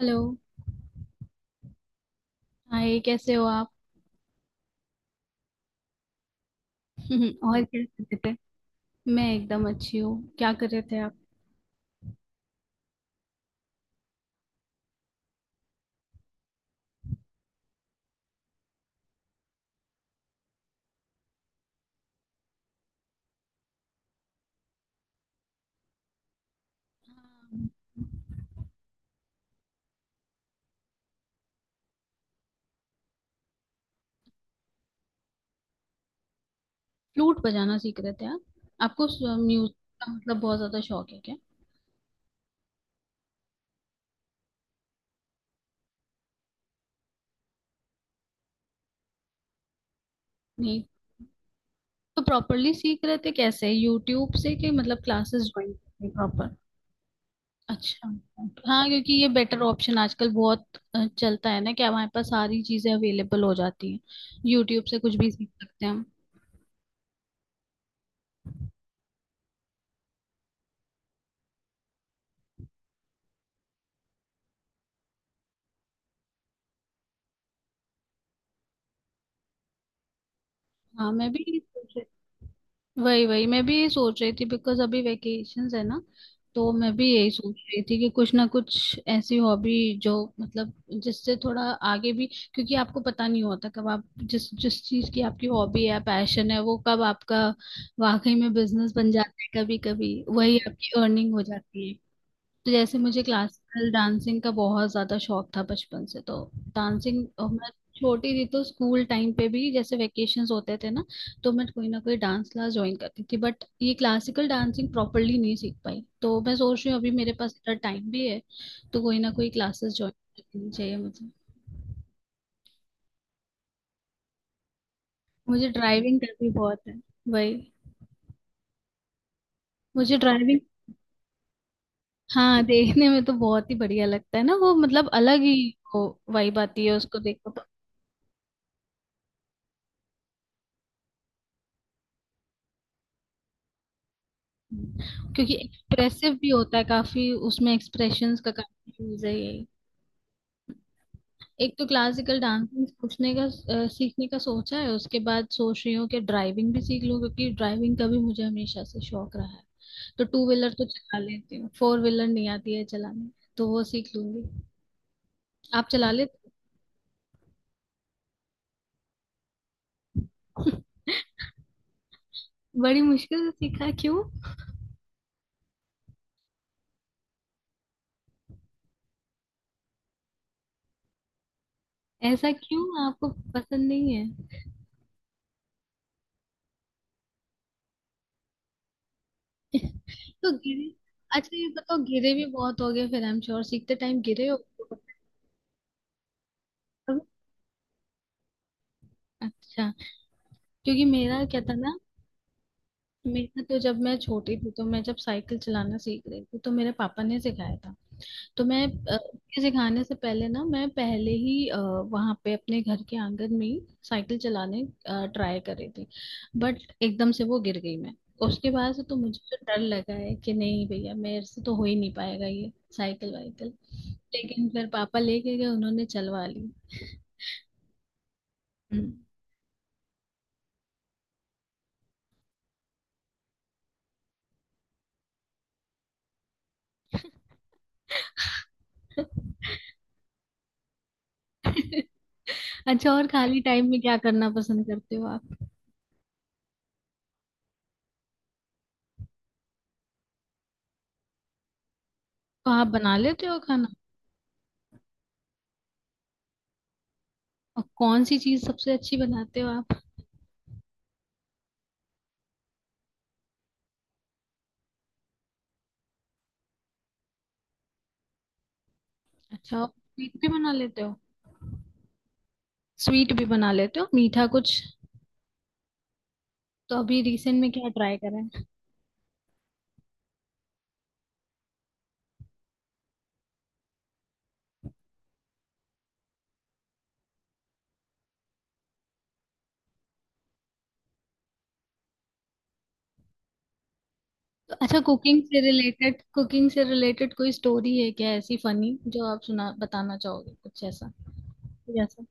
Hello. Hi, कैसे हो आप? और क्या कर रहे थे? मैं एकदम अच्छी हूँ। क्या कर रहे थे आप? फ्लूट बजाना सीख रहे थे आप? आपको म्यूजिक का मतलब बहुत ज्यादा शौक है क्या? नहीं, तो प्रॉपरली सीख रहे थे कैसे, यूट्यूब से कि मतलब क्लासेस ज्वाइन करते प्रॉपर? अच्छा। हाँ, क्योंकि ये बेटर ऑप्शन आजकल बहुत चलता है ना कि हमारे पास सारी चीजें अवेलेबल हो जाती हैं। यूट्यूब से कुछ भी सीख सकते हैं हम। हाँ, मैं भी। वही वही मैं भी यही सोच रही थी बिकॉज अभी वेकेशंस है ना। तो मैं भी यही सोच रही थी कि कुछ ना कुछ ऐसी हॉबी जो, मतलब, जिससे थोड़ा आगे भी, क्योंकि आपको पता नहीं होता कब आप जिस जिस चीज की आपकी हॉबी है, पैशन है, वो कब आपका वाकई में बिजनेस बन जाता है, कभी कभी वही आपकी अर्निंग हो जाती है। तो जैसे मुझे क्लासिकल डांसिंग का बहुत ज्यादा शौक था बचपन से। तो डांसिंग, और मैं छोटी थी तो स्कूल टाइम पे भी जैसे वेकेशंस होते थे ना, तो मैं कोई ना कोई डांस क्लास ज्वाइन करती थी, बट ये क्लासिकल डांसिंग प्रॉपरली नहीं सीख पाई, तो मैं सोच रही हूँ अभी मेरे पास इतना टाइम भी है, तो कोई ना कोई क्लासेस ज्वाइन करनी चाहिए मुझे। मुझे ड्राइविंग का भी बहुत है। वही। मुझे ड्राइविंग। हाँ, देखने में तो बहुत ही बढ़िया लगता है ना वो, मतलब अलग ही वो वाइब आती है उसको देखो तो। क्योंकि एक्सप्रेसिव भी होता है काफी, उसमें एक्सप्रेशंस का काफी यूज है। ये एक तो क्लासिकल डांसिंग पूछने का सीखने का सोचा है, उसके बाद सोच रही हूँ कि ड्राइविंग भी सीख लूँ, क्योंकि ड्राइविंग का भी मुझे हमेशा से शौक रहा है। तो टू व्हीलर तो चला लेती हूँ, फोर व्हीलर नहीं आती है चलाने, तो वो सीख लूंगी। आप चला लेते हो? बड़ी मुश्किल से सीखा क्यों? ऐसा क्यों, आपको पसंद नहीं है? तो गिरे? अच्छा, ये बताओ, गिरे भी बहुत हो गए फिर? आई एम श्योर सीखते टाइम गिरे हो। अच्छा, क्योंकि मेरा क्या था ना, मेरा तो जब मैं छोटी थी तो मैं जब साइकिल चलाना सीख रही थी तो मेरे पापा ने सिखाया था। तो मैं उनके सिखाने से पहले ना मैं पहले ही वहां पे अपने घर के आंगन में ही साइकिल चलाने ट्राई कर रही थी, बट एकदम से वो गिर गई मैं। उसके बाद से तो मुझे तो डर लगा है कि नहीं भैया, मेरे से तो हो ही नहीं पाएगा ये साइकिल वाइकिल। लेकिन फिर पापा लेके गए, उन्होंने चलवा ली। हम्म। अच्छा, और खाली टाइम में क्या करना पसंद करते हो? तो आप बना लेते हो खाना? और कौन सी चीज सबसे अच्छी बनाते हो आप? अच्छा, स्वीट भी बना लेते हो? स्वीट भी बना लेते हो, मीठा कुछ? तो अभी रिसेंट में क्या ट्राई करा है? तो अच्छा, कुकिंग से रिलेटेड कोई स्टोरी है क्या ऐसी फनी जो आप सुना बताना चाहोगे? कुछ ऐसा।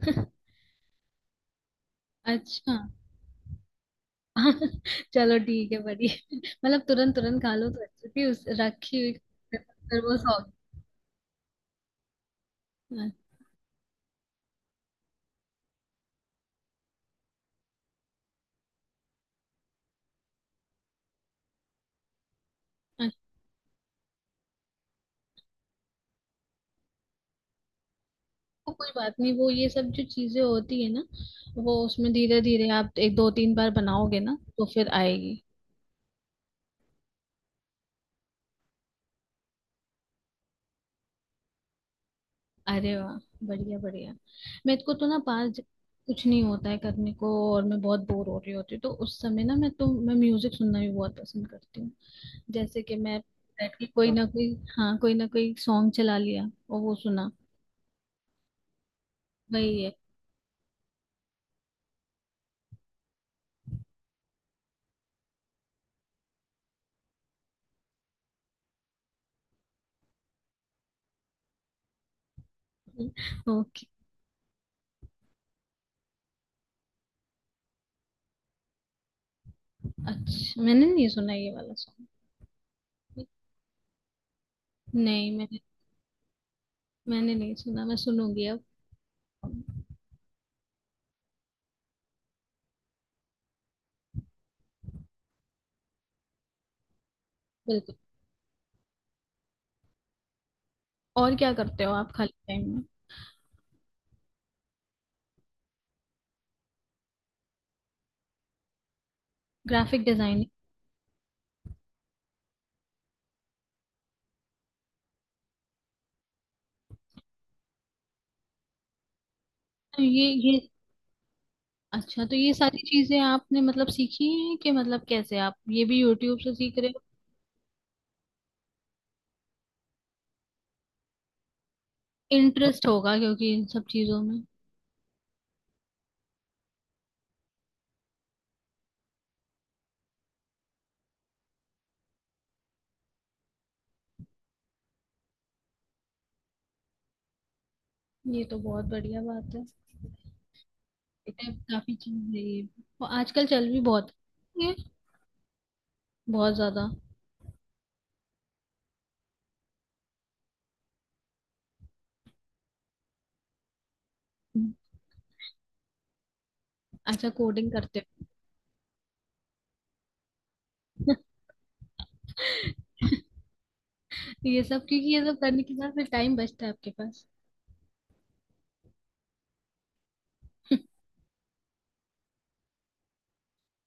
अच्छा। चलो ठीक है, बड़ी मतलब तुरंत तुरंत खा लो तो अच्छी थी, उस रखी हुई फिर वो सॉगी। वो कोई बात नहीं, वो ये सब जो चीजें होती है ना, वो उसमें धीरे धीरे आप एक दो तीन बार बनाओगे ना तो फिर आएगी। अरे वाह, बढ़िया बढ़िया। मेरे को तो ना पास कुछ नहीं होता है करने को, और मैं बहुत बोर हो रही होती हूँ तो उस समय ना मैं म्यूजिक सुनना भी बहुत पसंद करती हूँ। जैसे कि मैं बैठ के कोई ना कोई, हाँ, कोई ना कोई सॉन्ग चला लिया और वो सुना, वही है। ओके। अच्छा, मैंने नहीं सुना ये वाला सॉन्ग। नहीं मैंने, मैंने नहीं सुना, मैं सुनूंगी अब। बिल्कुल। और क्या करते हो आप खाली टाइम में? Graphic designing? ये अच्छा, तो ये सारी चीजें आपने, मतलब, सीखी हैं, कि मतलब कैसे आप ये भी यूट्यूब से सीख रहे हो? इंटरेस्ट होगा क्योंकि इन सब चीजों में। ये तो बहुत बढ़िया बात है। ये तो काफी चीज है ये, और आजकल चल भी बहुत ये, बहुत ज्यादा। अच्छा, कोडिंग करते हो? ये सब, क्योंकि ये सब करने के साथ फिर टाइम बचता है आपके पास?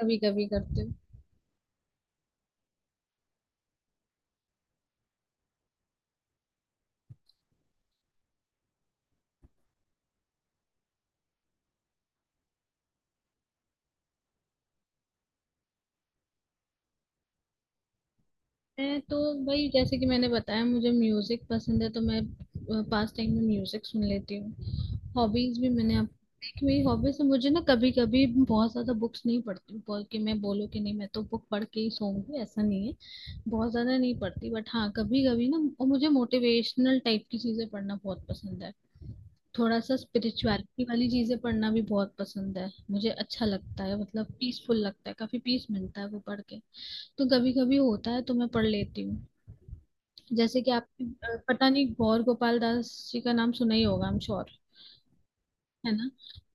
कभी कभी करते हो? मैं तो भाई, जैसे कि मैंने बताया, मुझे म्यूजिक पसंद है तो मैं पास टाइम में म्यूजिक सुन लेती हूँ। हॉबीज भी मैंने, आप देखी, मेरी हॉबीज है, मुझे ना कभी कभी बहुत ज्यादा बुक्स नहीं पढ़ती हूँ, बोल के मैं बोलूँ कि नहीं मैं तो बुक पढ़ के ही सोऊंगी, ऐसा नहीं है। बहुत ज्यादा नहीं पढ़ती, बट हाँ कभी कभी ना, और मुझे मोटिवेशनल टाइप की चीजें पढ़ना बहुत पसंद है। थोड़ा सा स्पिरिचुअलिटी वाली चीजें पढ़ना भी बहुत पसंद है मुझे, अच्छा लगता है, मतलब पीसफुल लगता है, काफी पीस मिलता है वो पढ़ के। तो कभी कभी होता है तो मैं पढ़ लेती हूँ। जैसे कि आपने पता नहीं गौर गोपाल दास जी का नाम सुना ही होगा, आई एम श्योर, है ना।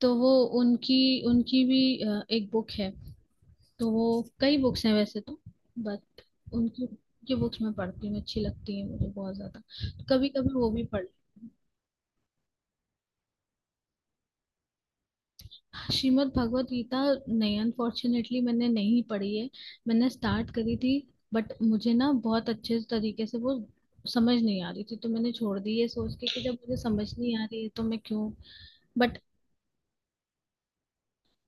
तो वो, उनकी उनकी भी एक बुक है, तो वो कई बुक्स हैं वैसे तो, बट उनकी उनकी बुक्स मैं पढ़ती हूँ, अच्छी लगती है मुझे बहुत ज्यादा। कभी कभी वो भी पढ़ लेती हूँ। श्रीमद् भगवत गीता, नहीं अनफॉर्चुनेटली मैंने नहीं पढ़ी है, मैंने स्टार्ट करी थी, बट मुझे ना बहुत अच्छे तरीके से वो समझ नहीं आ रही थी, तो मैंने छोड़ दी ये सोच के कि जब मुझे समझ नहीं आ रही है तो मैं क्यों। बट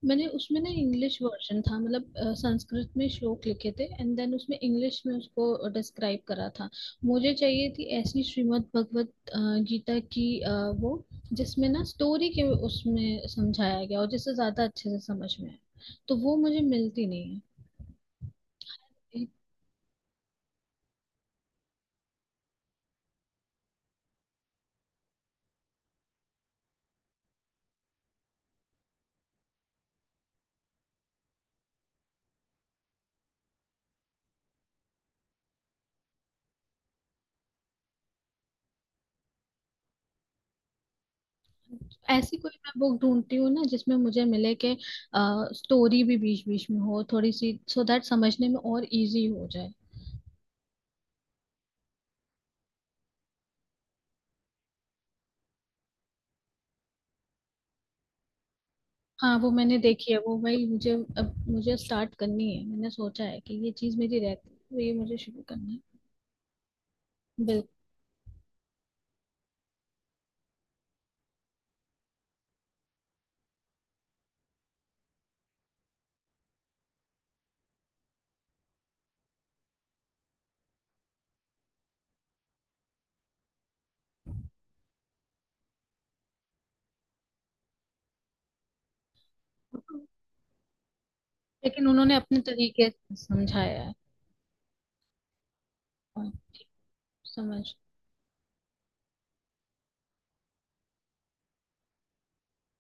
मैंने उसमें ना इंग्लिश वर्जन था, मतलब संस्कृत में श्लोक लिखे थे एंड देन उसमें इंग्लिश में उसको डिस्क्राइब करा था। मुझे चाहिए थी ऐसी श्रीमद् भगवत गीता की वो, जिसमें ना स्टोरी के उसमें समझाया गया और जिससे ज्यादा अच्छे से समझ में आए, तो वो मुझे मिलती नहीं है। एक- ऐसी कोई मैं बुक ढूंढती हूँ ना जिसमें मुझे मिले कि स्टोरी भी बीच बीच में हो थोड़ी सी, सो दैट समझने में और इजी हो जाए। हाँ वो मैंने देखी है, वो भाई मुझे अब मुझे स्टार्ट करनी है, मैंने सोचा है कि ये चीज मेरी रहती है तो ये मुझे शुरू करना है। बिल्कुल, लेकिन उन्होंने अपने तरीके से समझाया है और समझ।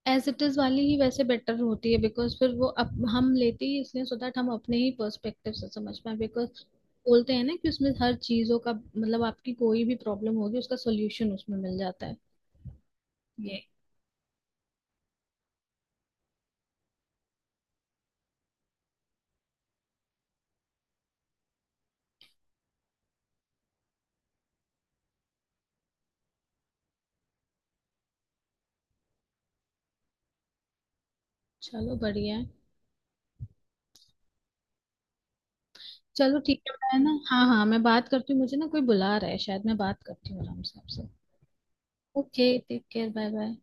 एज इट इज वाली ही वैसे बेटर होती है बिकॉज फिर वो हम लेते ही इसलिए, सो दैट हम अपने ही पर्सपेक्टिव से समझ पाए, बिकॉज बोलते हैं ना कि उसमें हर चीजों का मतलब, आपकी कोई भी प्रॉब्लम होगी उसका सोल्यूशन उसमें मिल जाता है ये। चलो बढ़िया है। चलो ठीक है, मैं ना, हाँ हाँ, मैं बात करती हूँ, मुझे ना कोई बुला रहा है शायद, मैं बात करती हूँ आराम से आपसे। Okay, take care, bye bye.